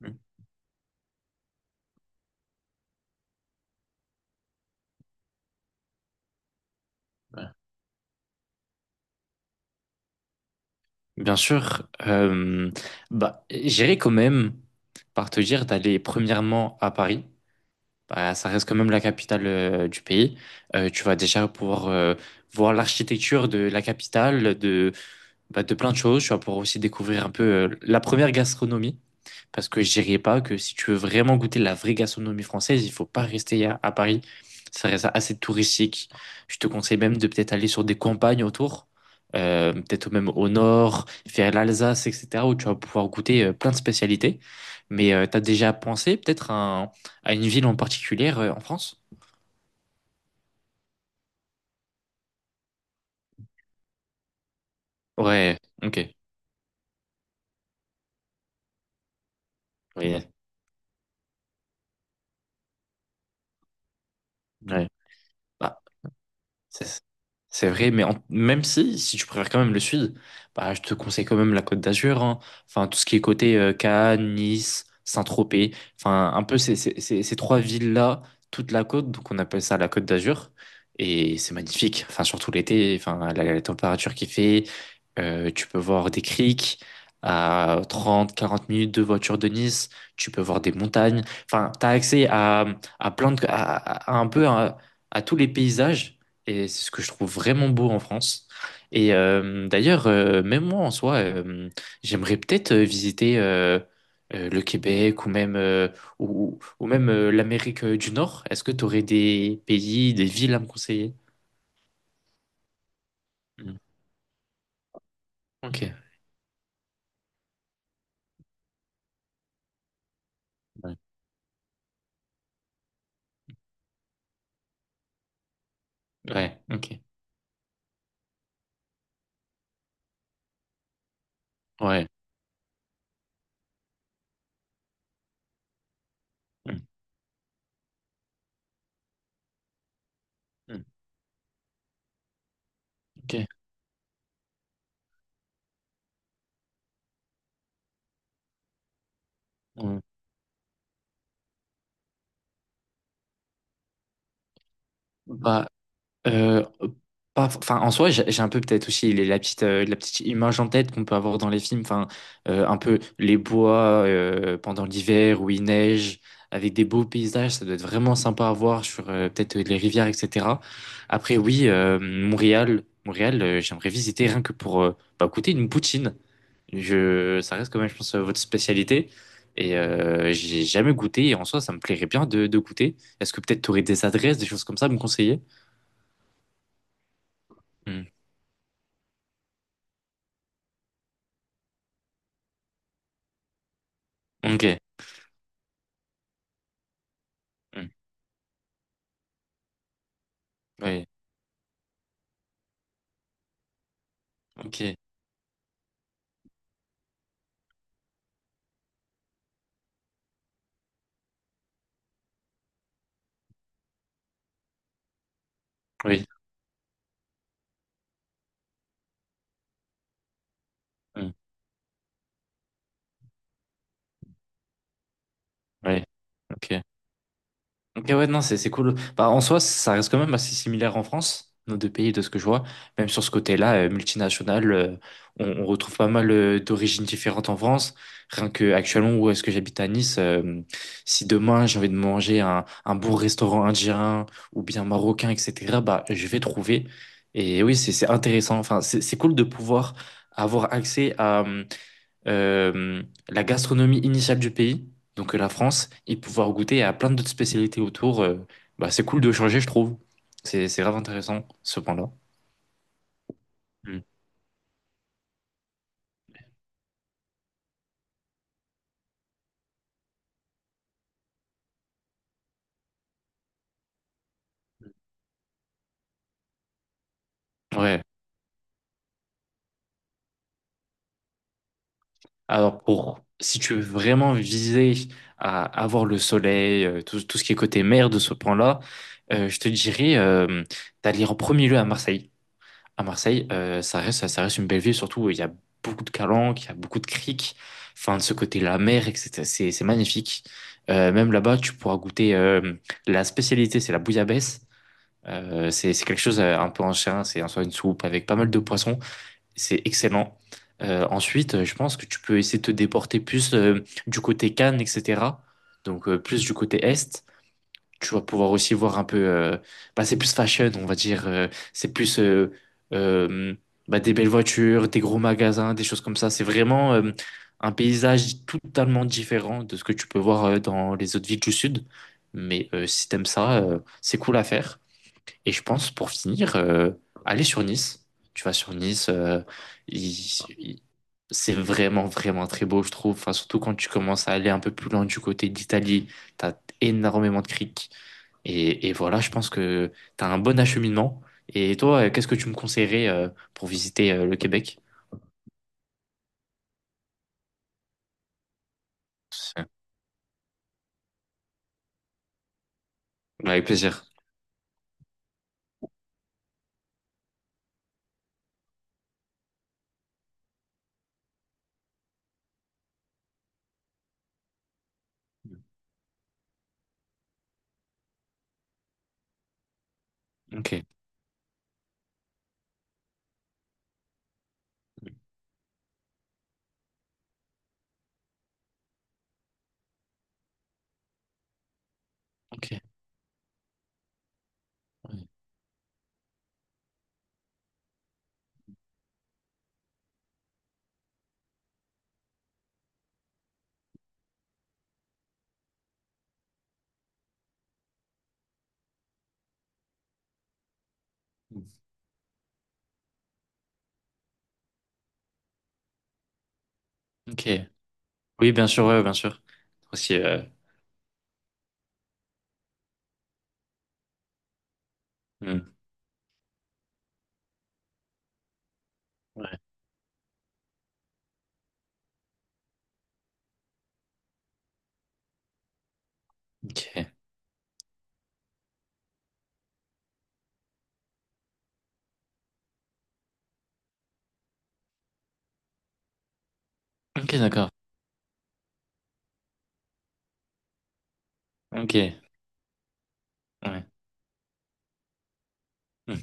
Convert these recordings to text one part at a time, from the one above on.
Mmh. Ouais. Bien sûr, bah, j'irai quand même par te dire d'aller premièrement à Paris. Bah, ça reste quand même la capitale du pays. Tu vas déjà pouvoir voir l'architecture de la capitale, de bah, de plein de choses. Tu vas pouvoir aussi découvrir un peu la première gastronomie. Parce que je dirais pas que si tu veux vraiment goûter la vraie gastronomie française, il faut pas rester à Paris. Ça reste assez touristique. Je te conseille même de peut-être aller sur des campagnes autour, peut-être même au nord, vers l'Alsace, etc., où tu vas pouvoir goûter plein de spécialités. Mais t'as déjà pensé peut-être un- à une ville en particulier en France? Ouais, ok. Oui, ouais. Bah, C'est c'est vrai, mais même si tu préfères quand même le sud, bah, je te conseille quand même la Côte d'Azur, hein. Enfin, tout ce qui est côté Cannes, Nice, Saint-Tropez, enfin, un peu ces trois villes-là, toute la côte, donc on appelle ça la Côte d'Azur, et c'est magnifique, enfin, surtout l'été, enfin, la température qui fait, tu peux voir des criques à 30 40 minutes de voiture de Nice, tu peux voir des montagnes, enfin, tu as accès à plein de, à un peu à tous les paysages et c'est ce que je trouve vraiment beau en France. Et d'ailleurs, même moi en soi, j'aimerais peut-être visiter le Québec ou même l'Amérique du Nord. Est-ce que tu aurais des pays, des villes à me conseiller? Mm. Ok. Ouais. Ouais. Ok. Ouais. Mm. Mm. Ok. Mm. Bah, Euh, pas, enfin, en soi, j'ai un peu peut-être aussi la petite image en tête qu'on peut avoir dans les films, enfin, un peu les bois pendant l'hiver où il neige, avec des beaux paysages, ça doit être vraiment sympa à voir sur peut-être les rivières, etc. Après, oui, Montréal, j'aimerais visiter rien que pour bah, goûter une poutine. Ça reste quand même, je pense, votre spécialité. Et j'ai jamais goûté, et en soi, ça me plairait bien de goûter. Est-ce que peut-être tu aurais des adresses, des choses comme ça à me conseiller? Hmm. Ok. Mm. Oui. Ok. Oui. Mm. Oui. Ok. Ok, ouais, non, c'est cool. Bah, en soi, ça reste quand même assez similaire en France, nos deux pays, de ce que je vois. Même sur ce côté-là, multinational, on retrouve pas mal d'origines différentes en France. Rien que actuellement, où est-ce que j'habite à Nice, si demain j'ai envie de manger un bon restaurant indien ou bien marocain, etc., bah, je vais trouver. Et oui, c'est intéressant. Enfin, c'est cool de pouvoir avoir accès à. euh, la gastronomie initiale du pays, donc la France, et pouvoir goûter à plein d'autres spécialités autour. Bah, c'est cool de changer, je trouve. C'est grave intéressant, ce point-là. Mm. Ouais. Alors, si tu veux vraiment viser à avoir le soleil, tout ce qui est côté mer de ce point-là, je te dirais d'aller en premier lieu à Marseille. À Marseille, ça reste une belle ville, surtout il y a beaucoup de calanques, il y a beaucoup de criques, enfin de ce côté la mer, etc. C'est magnifique. Même là-bas, tu pourras goûter la spécialité, c'est la bouillabaisse. C'est quelque chose un peu ancien, c'est en soi une soupe avec pas mal de poissons. C'est excellent. Ensuite, je pense que tu peux essayer de te déporter plus du côté Cannes, etc. Donc, plus du côté est tu vas pouvoir aussi voir un peu bah, c'est plus fashion on va dire, c'est plus euh, bah, des belles voitures, des gros magasins, des choses comme ça. C'est vraiment un paysage totalement différent de ce que tu peux voir dans les autres villes du sud, mais si t'aimes ça, c'est cool à faire. Et je pense pour finir, aller sur Nice, tu vas sur Nice, il- il- c'est vraiment vraiment très beau je trouve, enfin surtout quand tu commences à aller un peu plus loin du côté d'Italie. T'as énormément de criques, et voilà, je pense que tu as un bon acheminement. Et toi, qu'est-ce que tu me conseillerais pour visiter le Québec? C'est- Avec plaisir. Ok, ok, ouais. Ok. Oui, bien sûr, ouais, bien sûr. Aussi, hmm. Ouais. Ok, ok, d'accord. Ok, ouais. Hmm.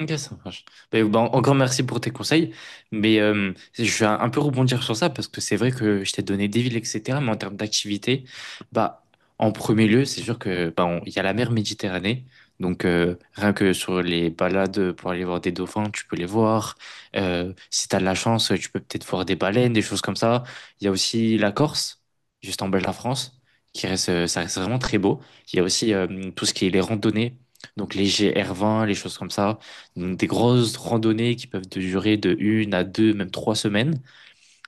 Ok, ça marche. Ben, encore merci pour tes conseils. Mais je vais un peu rebondir sur ça parce que c'est vrai que je t'ai donné des villes, etc. Mais en termes d'activité, bah, en premier lieu, c'est sûr que bah, il y a la mer Méditerranée. Donc rien que sur les balades pour aller voir des dauphins, tu peux les voir. Si tu as de la chance, tu peux peut-être voir des baleines, des choses comme ça. Il y a aussi la Corse, juste en bas de la France, qui reste, ça reste vraiment très beau. Il y a aussi tout ce qui est les randonnées, donc les GR20, les choses comme ça. Donc, des grosses randonnées qui peuvent te durer de 1 à 2, même 3 semaines.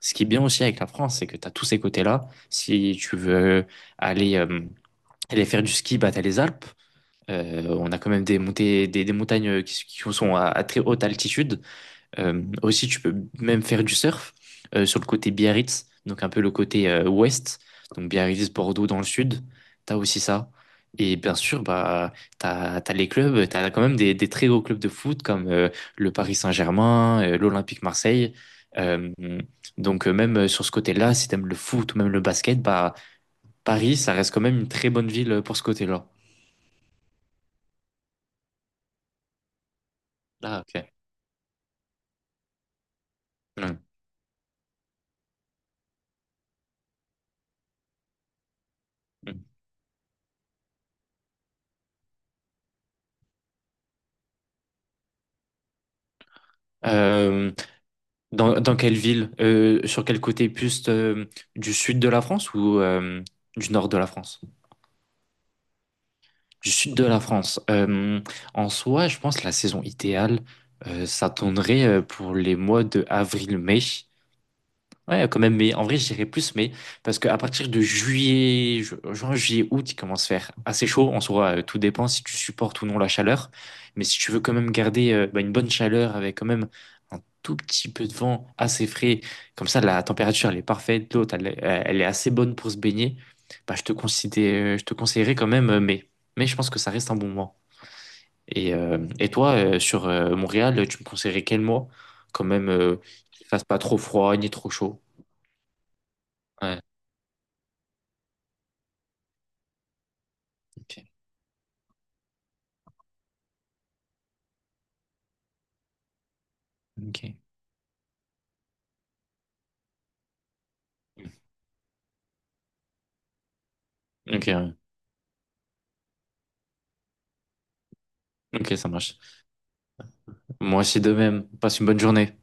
Ce qui est bien aussi avec la France, c'est que tu as tous ces côtés-là. Si tu veux aller, euh, aller faire du ski, bah, tu as les Alpes. On a quand même des montées, des montagnes qui sont à très haute altitude. Aussi, tu peux même faire du surf sur le côté Biarritz, donc un peu le côté ouest, donc Biarritz, Bordeaux dans le sud. T'as aussi ça. Et bien sûr, bah, t'as, t'as les clubs, t'as quand même des très gros clubs de foot comme le Paris Saint-Germain, l'Olympique Marseille. Euh, donc, même sur ce côté-là, si t'aimes le foot ou même le basket, bah, Paris, ça reste quand même une très bonne ville pour ce côté-là. Ah, ok. Mm. Euh, dans quelle ville? Sur quel côté? Plus du sud de la France ou du nord de la France? Du sud de la France. En soi, je pense que la saison idéale, ça tournerait pour les mois de avril-mai. Ouais, quand même, mais en vrai, je dirais plus, mais parce qu'à partir de juillet, juin, juillet, août, il commence à faire assez chaud. En soi, tout dépend si tu supportes ou non la chaleur. Mais si tu veux quand même garder bah, une bonne chaleur avec quand même un tout petit peu de vent assez frais, comme ça, la température, elle est parfaite, l'eau, elle est assez bonne pour se baigner, bah, je te conseillerais quand même mai. Mais je pense que ça reste un bon mois. Et toi, sur Montréal, tu me conseillerais quel mois? Quand même, qu'il fasse pas trop froid ni trop chaud. Ok, ok, ok, ouais. Ok, ça marche. Moi aussi de même. Passe une bonne journée.